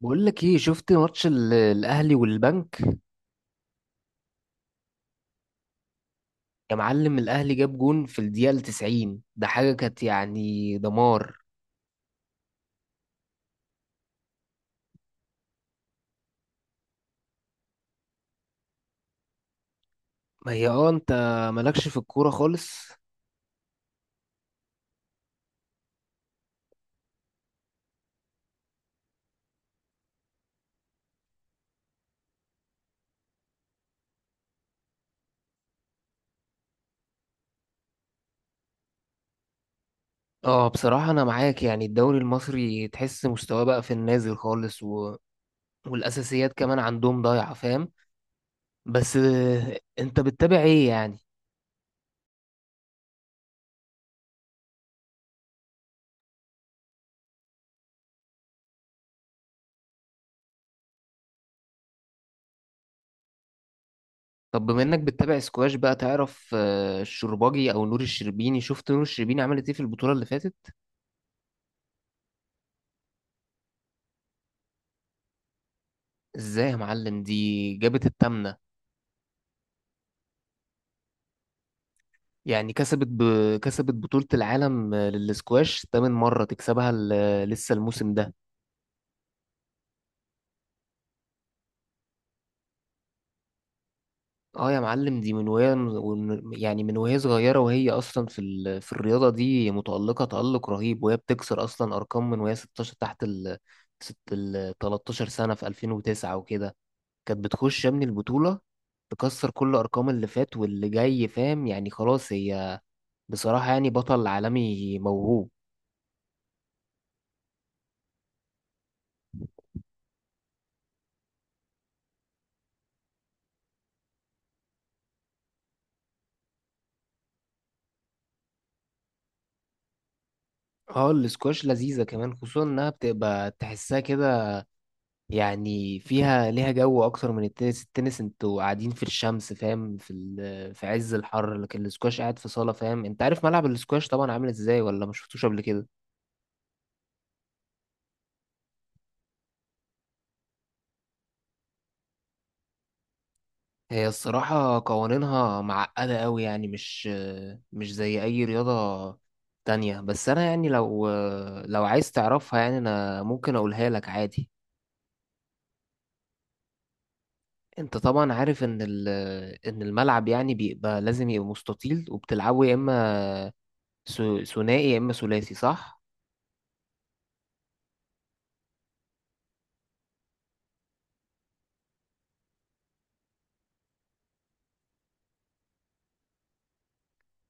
بقول لك ايه، شفت ماتش الاهلي والبنك؟ يا معلم، الاهلي جاب جون في الدقيقه 90، ده حاجه كانت يعني دمار. ما هي انت مالكش في الكوره خالص. اه، بصراحه انا معاك، يعني الدوري المصري تحس مستواه بقى في النازل خالص والاساسيات كمان عندهم ضايعه، فاهم؟ بس، انت بتتابع ايه يعني؟ طب بما انك بتتابع سكواش، بقى تعرف الشرباجي او نور الشربيني؟ شفت نور الشربيني عملت ايه في البطوله اللي فاتت؟ ازاي يا معلم؟ دي جابت التامنه. يعني كسبت بطولة العالم للسكواش تامن مرة تكسبها، لسه الموسم ده. اه يا معلم، دي من وهي يعني من وهي صغيرة، وهي أصلا في الرياضة دي متألقة تألق رهيب، وهي بتكسر أصلا أرقام من وهي 16 تحت ال ست ال 13 سنة في 2009 وكده. كانت بتخش يا ابني البطولة تكسر كل أرقام اللي فات واللي جاي، فاهم؟ يعني خلاص، هي بصراحة يعني بطل عالمي موهوب. اه، الاسكواش لذيذة كمان، خصوصا انها بتبقى تحسها كده، يعني فيها ليها جو اكتر من التنس. التنس انتوا قاعدين في الشمس، فاهم؟ في عز الحر، لكن الاسكواش قاعد في صالة، فاهم؟ انت عارف ملعب الاسكواش طبعا عامل ازاي، ولا ما شفتوش قبل كده؟ هي الصراحة قوانينها معقدة قوي، يعني مش زي اي رياضة تانية، بس انا يعني لو عايز تعرفها، يعني انا ممكن اقولها لك عادي. انت طبعا عارف ان الملعب يعني بيبقى لازم يبقى مستطيل، وبتلعبه يا اما ثنائي يا اما ثلاثي، صح؟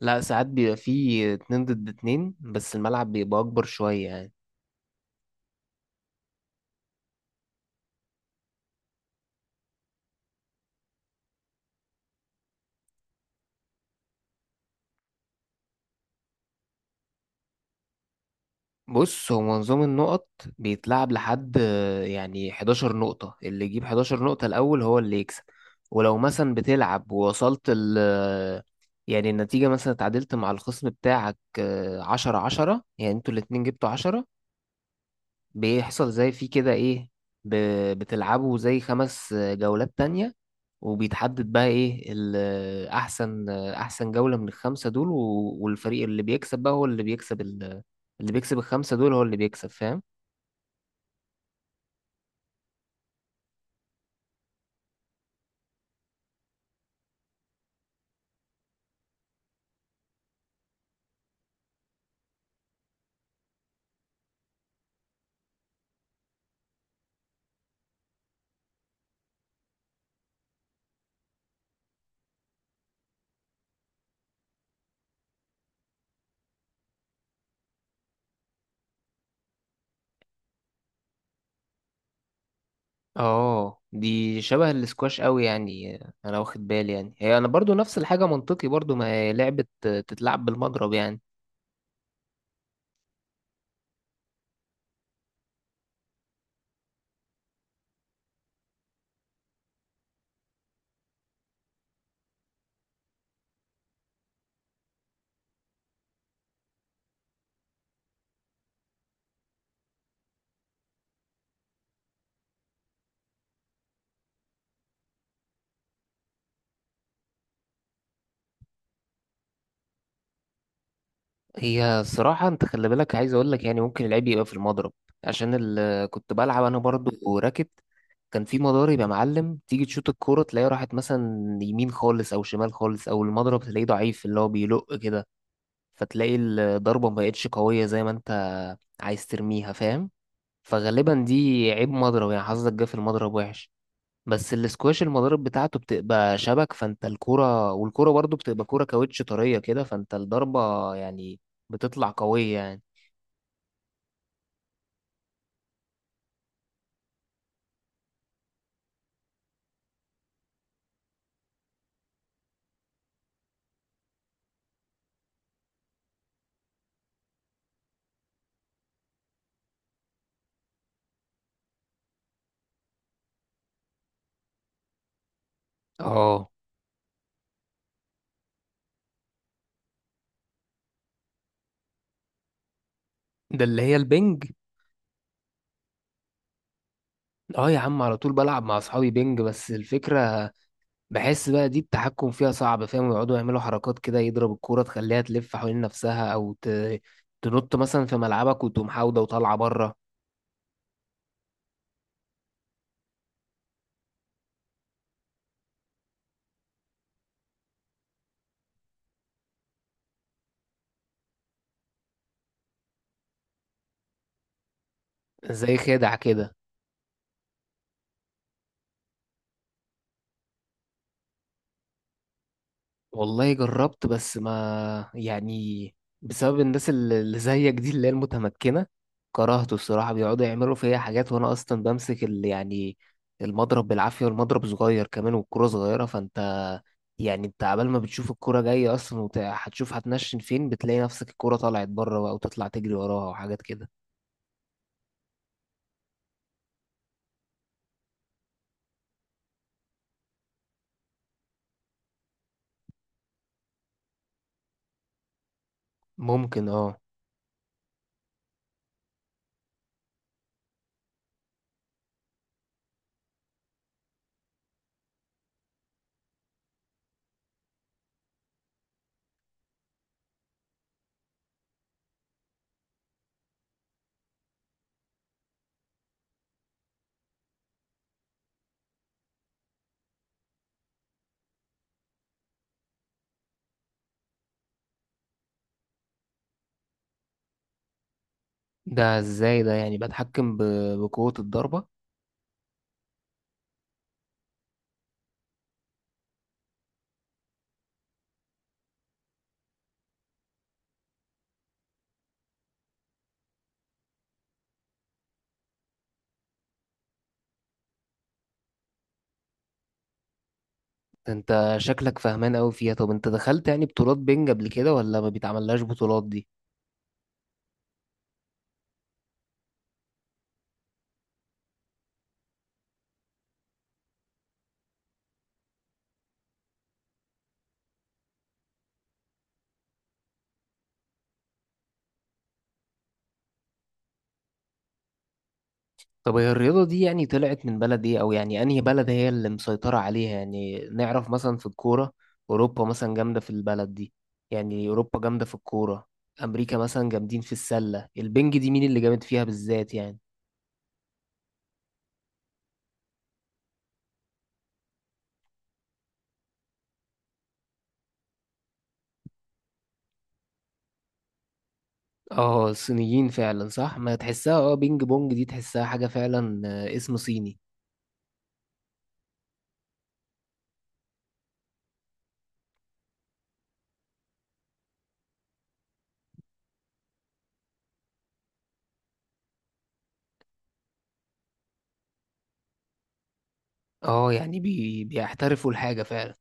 لا، ساعات بيبقى فيه اتنين ضد اتنين، بس الملعب بيبقى اكبر شوية يعني. بص، هو نظام النقط بيتلعب لحد يعني 11 نقطة، اللي يجيب 11 نقطة الاول هو اللي يكسب. ولو مثلا بتلعب ووصلت ال آه، يعني النتيجة مثلا اتعادلت مع الخصم بتاعك عشرة عشرة، يعني انتوا الاتنين جبتوا عشرة، بيحصل زي في كده ايه، ب... بتلعبوا زي خمس جولات تانية. وبيتحدد بقى ايه احسن جولة من الخمسة دول، والفريق اللي بيكسب بقى هو اللي بيكسب الخمسة دول هو اللي بيكسب، فاهم؟ اه، دي شبه الاسكواش قوي يعني، انا واخد بالي، يعني هي انا برضو نفس الحاجة منطقي برضو، ما هي لعبة تتلعب بالمضرب يعني. هي صراحة، انت خلي بالك، عايز اقول لك يعني ممكن العيب يبقى في المضرب، عشان كنت بلعب انا برضو راكت. كان في مضارب يا معلم، تيجي تشوط الكورة تلاقيها راحت مثلا يمين خالص او شمال خالص، او المضرب تلاقيه ضعيف اللي هو بيلق كده، فتلاقي الضربة ما بقتش قوية زي ما انت عايز ترميها، فاهم؟ فغالبا دي عيب مضرب يعني، حظك جه في المضرب وحش. بس الاسكواش المضارب بتاعته بتبقى شبك فانت الكرة، والكرة برضو بتبقى كرة كاوتش طرية كده، فانت الضربة يعني بتطلع قوية يعني. اه، ده اللي هي البنج. اه يا عم، على طول بلعب مع اصحابي بينج، بس الفكرة بحس بقى دي التحكم فيها صعب، فاهم؟ يقعدوا يعملوا حركات كده، يضرب الكورة تخليها تلف حوالين نفسها، او تنط مثلا في ملعبك وتقوم حاودة وطالعة بره. زي خدع كده. والله جربت، بس ما يعني، بسبب الناس اللي زيك دي اللي هي المتمكنة، كرهته الصراحة، بيقعدوا يعملوا فيا حاجات وأنا أصلا بمسك ال يعني المضرب بالعافية، والمضرب صغير كمان والكرة صغيرة، فأنت يعني أنت عبال ما بتشوف الكرة جاية أصلا وهتشوف هتنشن فين، بتلاقي نفسك الكرة طلعت بره بقى، وتطلع تجري وراها وحاجات كده. ممكن، اه. ده ازاي ده؟ يعني بتحكم بقوة الضربة؟ ده انت شكلك فهمان قوي فيها، طب انت دخلت يعني بطولات بينج قبل كده، ولا ما بيتعملهاش بطولات دي؟ طب هي الرياضة دي يعني طلعت من بلد ايه، او يعني انهي بلد هي اللي مسيطرة عليها؟ يعني نعرف مثلا في الكورة اوروبا مثلا جامدة في البلد دي، يعني اوروبا جامدة في الكورة، امريكا مثلا جامدين في السلة، البينج دي مين اللي جامد فيها بالذات يعني؟ اه، الصينيين فعلا صح، ما تحسها اه، بينج بونج دي تحسها حاجة فعلا اسم صيني. اه، يعني بيحترفوا الحاجة فعلا.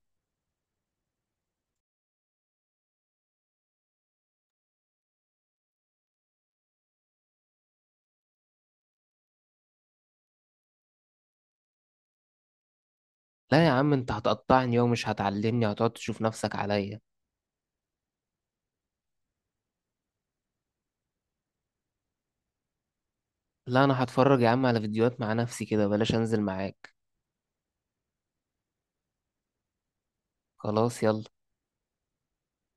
لا يا عم، انت هتقطعني ومش هتعلمني، هتقعد تشوف نفسك عليا. لا، انا هتفرج يا عم على فيديوهات مع نفسي كده، بلاش انزل معاك. خلاص، يلا.